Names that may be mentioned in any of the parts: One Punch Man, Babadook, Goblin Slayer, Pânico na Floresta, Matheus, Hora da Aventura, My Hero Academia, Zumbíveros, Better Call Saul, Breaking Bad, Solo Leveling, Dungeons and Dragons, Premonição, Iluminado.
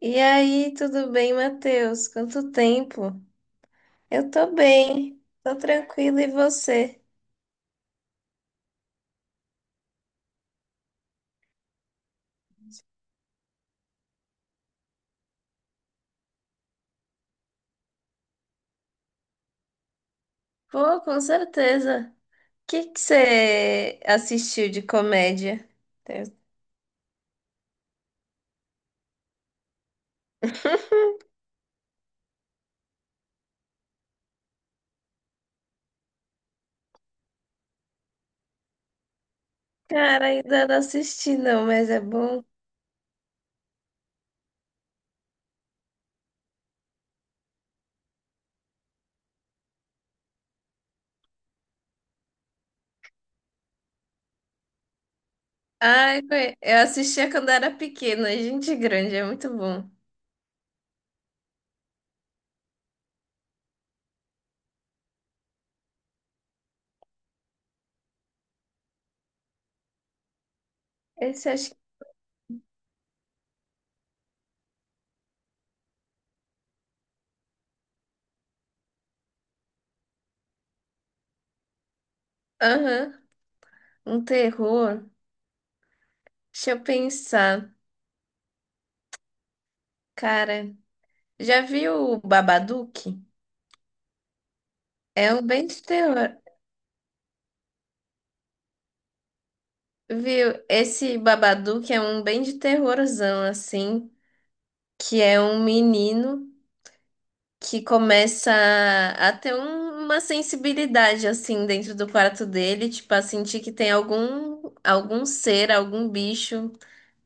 E aí, tudo bem, Matheus? Quanto tempo? Eu tô bem, tô tranquila e você? Pô, com certeza. O que que você assistiu de comédia? Cara, ainda não assisti não, mas é bom. Ai, eu assistia quando era pequena, gente grande, é muito bom. Esse acho que... Aham, um terror. Deixa eu pensar. Cara, já viu o Babadook? É um bem de terror. Viu? Esse Babadook é um bem de terrorzão, assim, que é um menino que começa a ter uma sensibilidade, assim, dentro do quarto dele, tipo, a sentir que tem algum, algum ser, algum bicho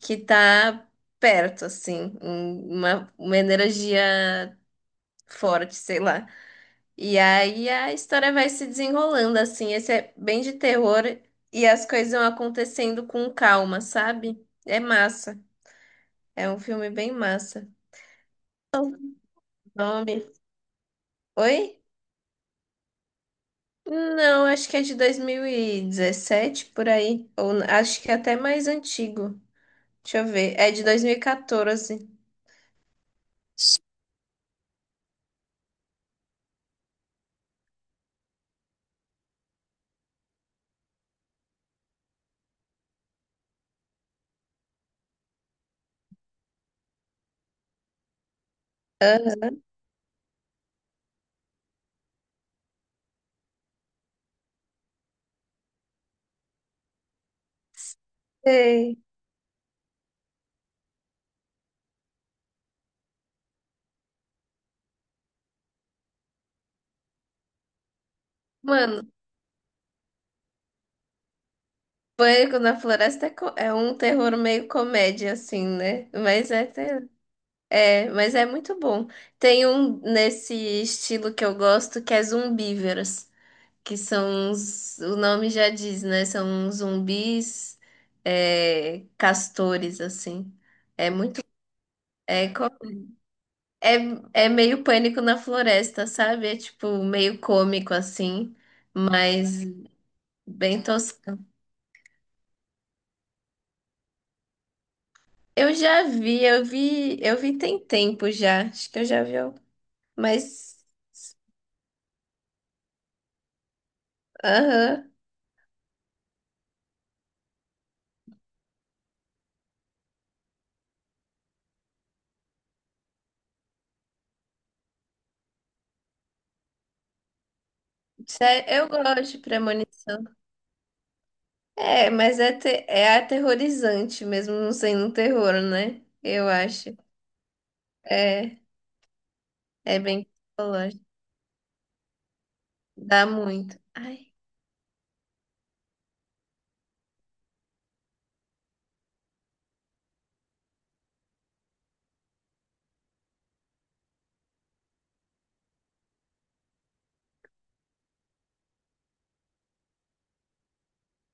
que tá perto, assim, uma energia forte, sei lá. E aí a história vai se desenrolando, assim, esse é bem de terror e as coisas vão acontecendo com calma, sabe? É massa. É um filme bem massa. Nome. Oi? Não, acho que é de 2017, por aí. Ou acho que é até mais antigo. Deixa eu ver. É de 2014. Aham. Sei. Mano, Pânico na Floresta é é um terror meio comédia, assim, né? Mas é, é, mas é muito bom. Tem um nesse estilo que eu gosto que é Zumbíveros, que são os, o nome já diz, né? São zumbis, é, castores, assim. É muito. É, é, é meio pânico na floresta, sabe? É tipo meio cômico, assim, mas bem tosco. Eu já vi, eu vi, eu vi tem tempo já. Acho que eu já vi, mas. Aham. Eu gosto de premonição. É, mas é, é aterrorizante mesmo não sendo um terror, né? Eu acho. É. É bem psicológico. Dá muito. Ai.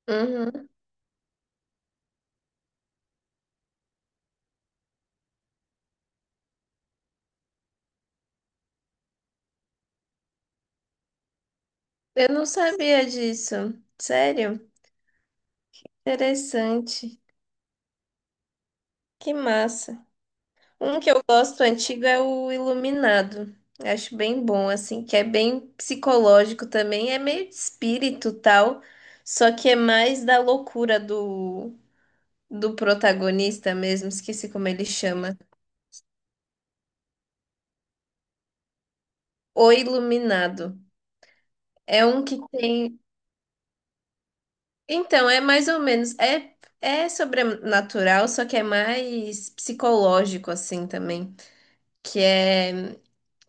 Uhum. Eu não sabia disso. Sério? Interessante. Que massa. Um que eu gosto antigo é o Iluminado. Eu acho bem bom, assim, que é bem psicológico também. É meio de espírito tal, só que é mais da loucura do, do protagonista mesmo. Esqueci como ele chama. O Iluminado. É um que tem. Então, é mais ou menos. É, é sobrenatural, só que é mais psicológico, assim, também. Que é,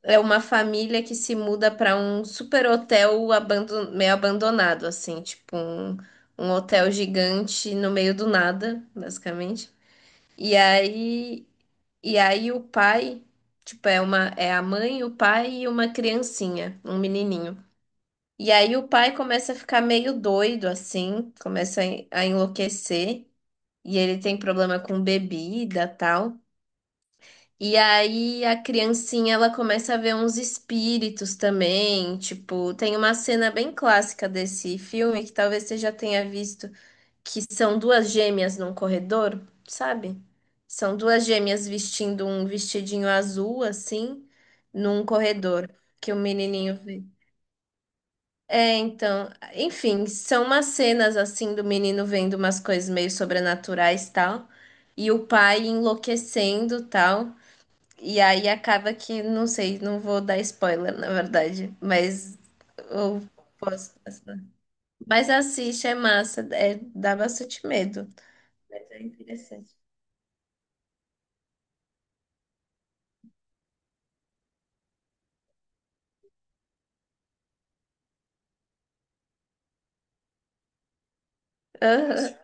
é uma família que se muda para um super hotel abandon, meio abandonado, assim, tipo um, um hotel gigante no meio do nada, basicamente. E aí, e aí o pai, tipo, é uma, é a mãe, o pai e uma criancinha, um menininho. E aí o pai começa a ficar meio doido assim, começa a enlouquecer e ele tem problema com bebida, tal. E aí a criancinha ela começa a ver uns espíritos também, tipo, tem uma cena bem clássica desse filme que talvez você já tenha visto, que são duas gêmeas num corredor, sabe? São duas gêmeas vestindo um vestidinho azul assim, num corredor que o menininho vê. É, então, enfim, são umas cenas assim do menino vendo umas coisas meio sobrenaturais tal, e o pai enlouquecendo tal. E aí acaba que, não sei, não vou dar spoiler, na verdade, mas eu posso passar. Mas assiste, é massa, é, dá bastante medo. Mas é interessante. Aham,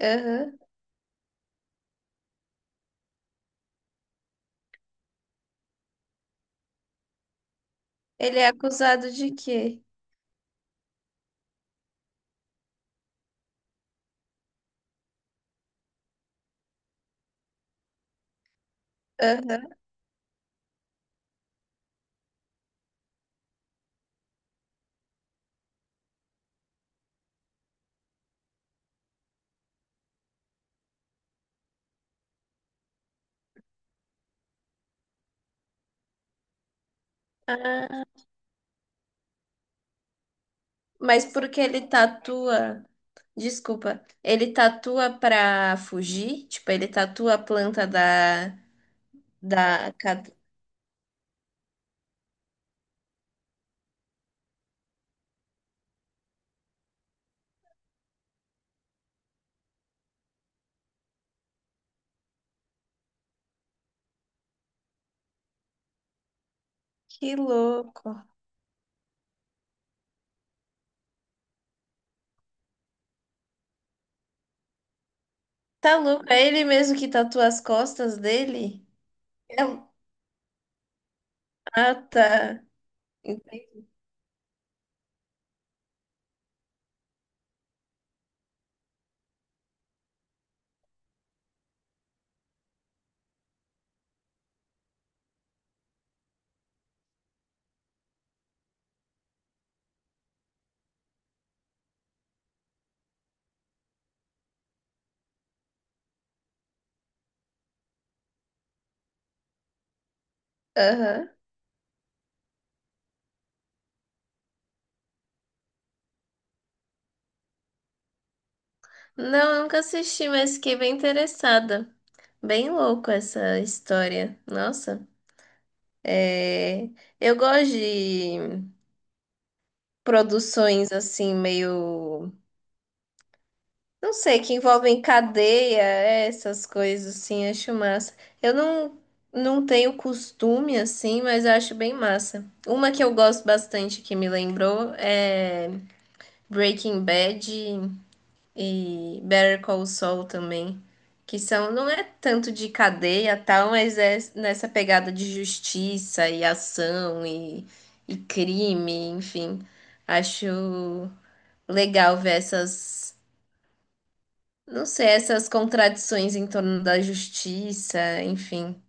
aham. Ele é acusado de quê? Aham. Ah, mas porque ele tatua. Desculpa, ele tatua pra fugir? Tipo, ele tatua a planta da... Que louco. Tá louco? É ele mesmo que tatua as costas dele? É um- Ah, tá. Entendi. Aham. Não, nunca assisti, mas fiquei bem interessada. Bem louco essa história. Nossa. É... Eu gosto de produções assim, meio. Não sei, que envolvem cadeia, é, essas coisas assim, acho massa. Eu não, não tenho costume assim, mas eu acho bem massa. Uma que eu gosto bastante que me lembrou é Breaking Bad e Better Call Saul também, que são, não é tanto de cadeia tal, mas é nessa pegada de justiça e ação e crime, enfim. Acho legal ver essas, não sei, essas contradições em torno da justiça, enfim,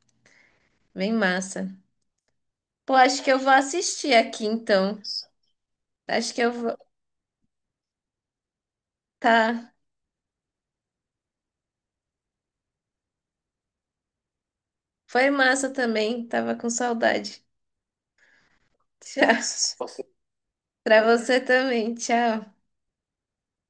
bem massa. Pô, acho que eu vou assistir aqui então. Acho que eu vou. Tá. Foi massa também, tava com saudade. Tchau. Pra você também, tchau.